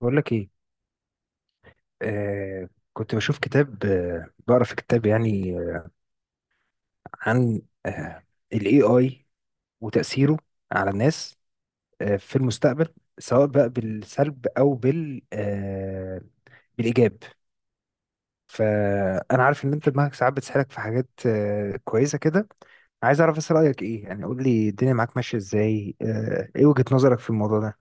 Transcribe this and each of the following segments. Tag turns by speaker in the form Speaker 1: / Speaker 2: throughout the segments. Speaker 1: بقول لك ايه. كنت بشوف كتاب، بقرا في كتاب، يعني عن الاي اي وتأثيره على الناس في المستقبل، سواء بقى بالسلب او بالايجاب. فانا عارف ان انت دماغك ساعات بتسحرك في حاجات كويسه كده. عايز اعرف بس رايك ايه، يعني قول لي الدنيا معاك ماشيه ازاي، ايه وجهه نظرك في الموضوع ده؟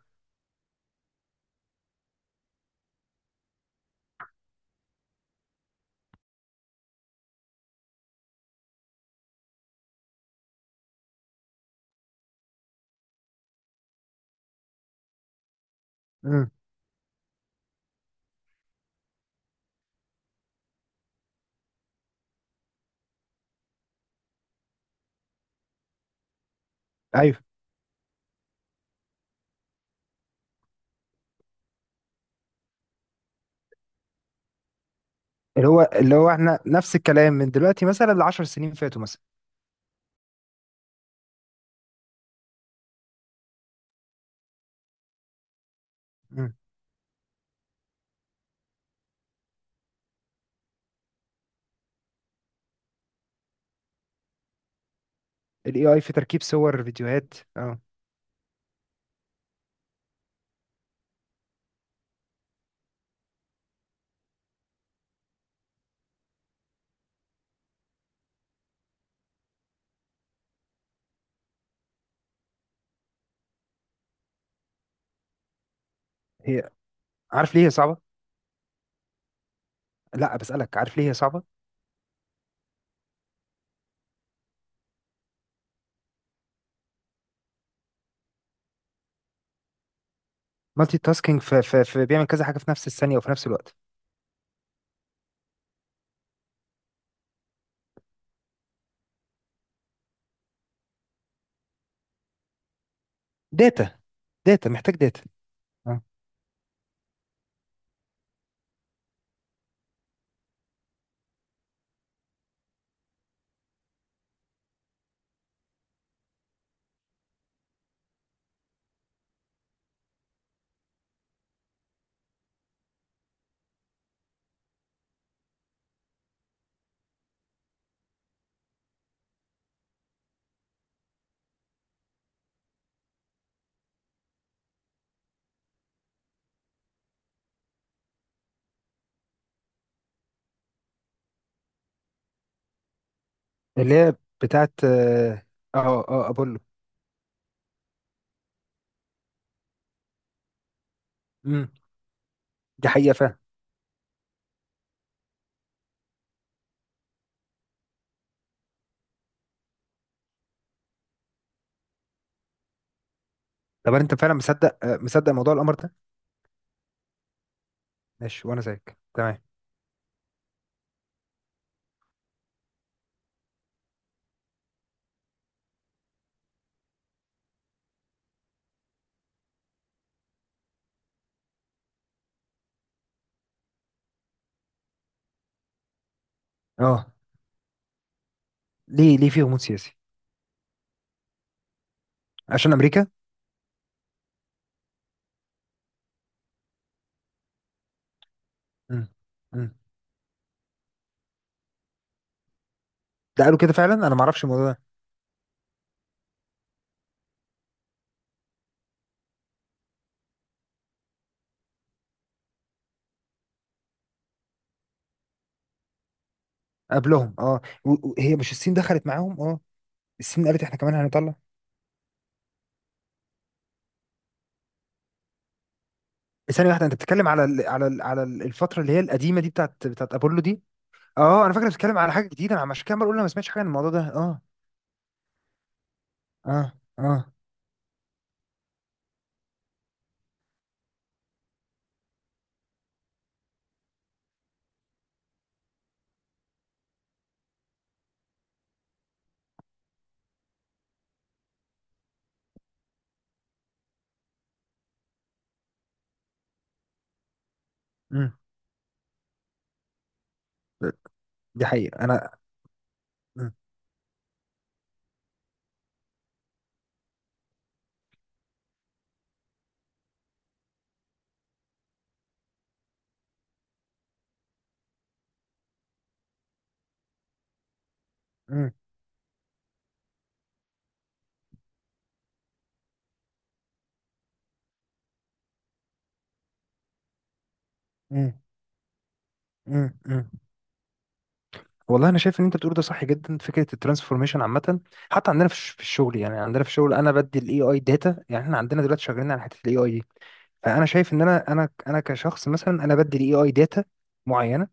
Speaker 1: امم. ايوه. اللي هو احنا نفس الكلام من دلوقتي مثلا ل 10 سنين فاتوا مثلا. الاي اي في تركيب صور، فيديوهات. اه. هي، عارف ليه هي صعبه؟ لا بسالك، عارف ليه هي صعبه؟ مالتي تاسكينج في بيعمل كذا حاجه في نفس الثانيه وفي نفس الوقت. داتا. داتا، محتاج داتا. اه. اللي هي بتاعت، اه. اه، آه، ابولو. امم. دي حقيقه فعلا. طب انت فعلا مصدق، مصدق موضوع القمر ده؟ ماشي وانا زيك تمام. اه. ليه؟ ليه في غموض سياسي؟ عشان امريكا. امم. امم. ده قالوا كده فعلا؟ انا ما اعرفش الموضوع ده. قبلهم اه، و- وهي مش الصين دخلت معاهم؟ اه، الصين قالت احنا كمان هنطلع. ثانية واحدة، أنت بتتكلم على الفترة اللي هي القديمة دي، بتاعت أبولو دي؟ أه أنا فاكر بتتكلم على حاجة جديدة، أنا عشان كده عمال أقول أنا ما سمعتش حاجة عن الموضوع ده. أه. أه. أه. أمم. دي حقيقة. أنا أمم. أمم أمم أمم أمم. والله أنا شايف إن أنت بتقول ده صح جدا، فكرة الترانسفورميشن عامة. حتى عندنا في في الشغل، يعني عندنا في الشغل أنا بدي الإي آي داتا، يعني إحنا عندنا دلوقتي شغالين على حتة الإي آي دي. فأنا شايف إن أنا كشخص مثلا أنا بدي الإي آي داتا معينة.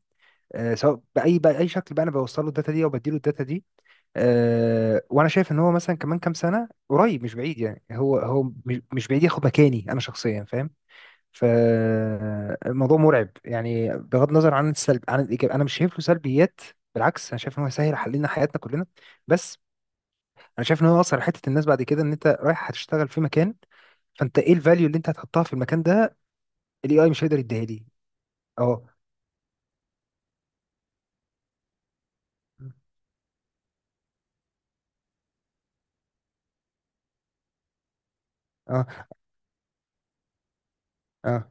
Speaker 1: آه، سواء باي شكل بقى انا بوصل له الداتا دي او بدي له الداتا دي. أه، وانا شايف ان هو مثلا كمان كام سنه قريب مش بعيد، يعني هو مش بعيد ياخد مكاني انا شخصيا، فاهم؟ فالموضوع مرعب، يعني بغض النظر عن السلب عن الايجاب، انا مش شايف له سلبيات. بالعكس، انا شايف ان هو هيسهل علينا حياتنا كلنا. بس انا شايف ان هو اثر حته الناس بعد كده، ان انت رايح هتشتغل في مكان، فانت ايه الفاليو اللي انت هتحطها في المكان ده؟ الاي اي مش هيقدر يديها لي. اه. اه. اه.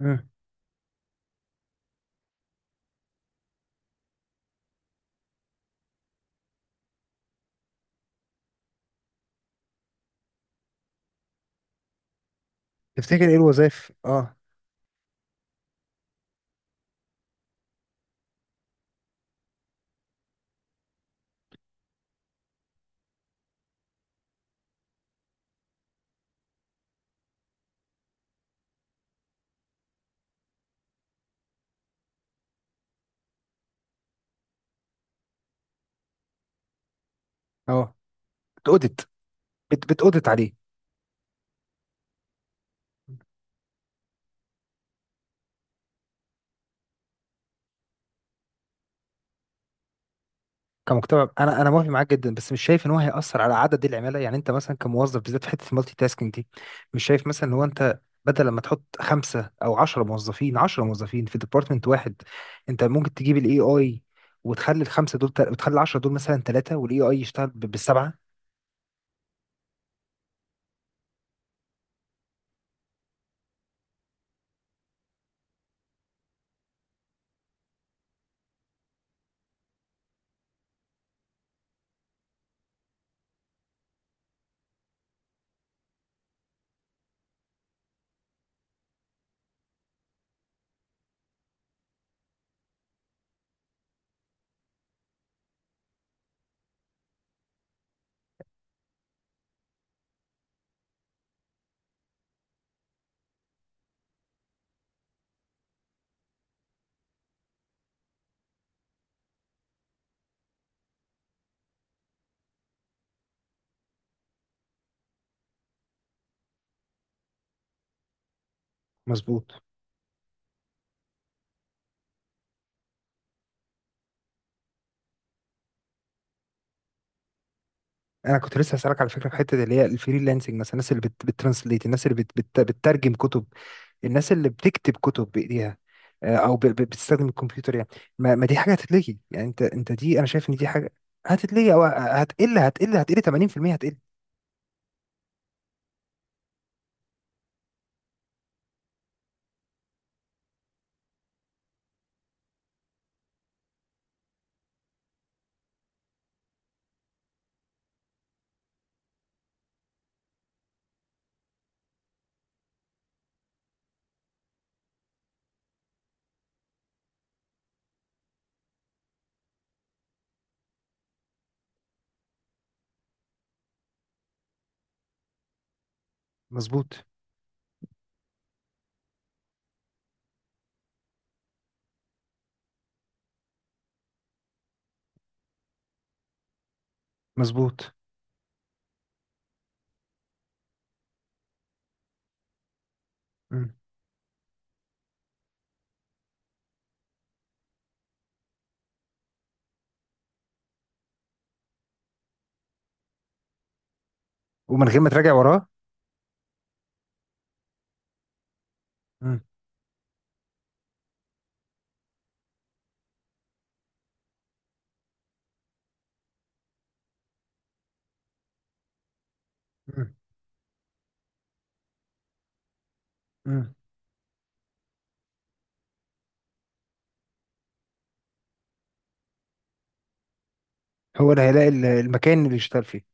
Speaker 1: مم. تفتكر ايه الوظائف؟ اه. اه، بتأودت. بتأودت عليه. كمجتمع انا انا موافق معاك جدا، بس مش شايف ان هو هيأثر على عدد العماله، يعني انت مثلا كموظف بالذات في حته المالتي تاسكينج دي. مش شايف مثلا ان هو انت بدل لما تحط خمسه او عشرة موظفين، في ديبارتمنت واحد، انت ممكن تجيب الاي اي وتخلي وتخلي العشرة دول مثلا ثلاثه، والاي اي يشتغل بالسبعه. مظبوط. انا كنت لسه هسألك على فكره في حته اللي هي الفريلانسنج، مثلا الناس بتترانسليت، الناس بتترجم كتب، الناس اللي بتكتب كتب بايديها، آه، او بتستخدم الكمبيوتر يعني. ما دي حاجه هتتلغي، يعني انت انت دي انا شايف ان دي حاجه هتتلغي او آه، هتقل 80%، هتقل. مظبوط. مظبوط. مم. ومن غير ما تراجع وراه. مم. مم. مم. هو اللي هيلاقي المكان اللي يشتغل فيه.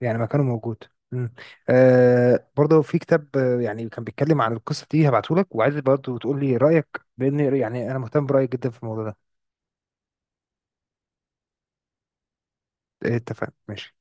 Speaker 1: يعني مكانه موجود. مم. آه برضه في كتاب، آه، يعني كان بيتكلم عن القصه دي، هبعته لك وعايز برضه تقول لي رايك، لان يعني انا مهتم برايك جدا في الموضوع ده. اتفقنا، ماشي.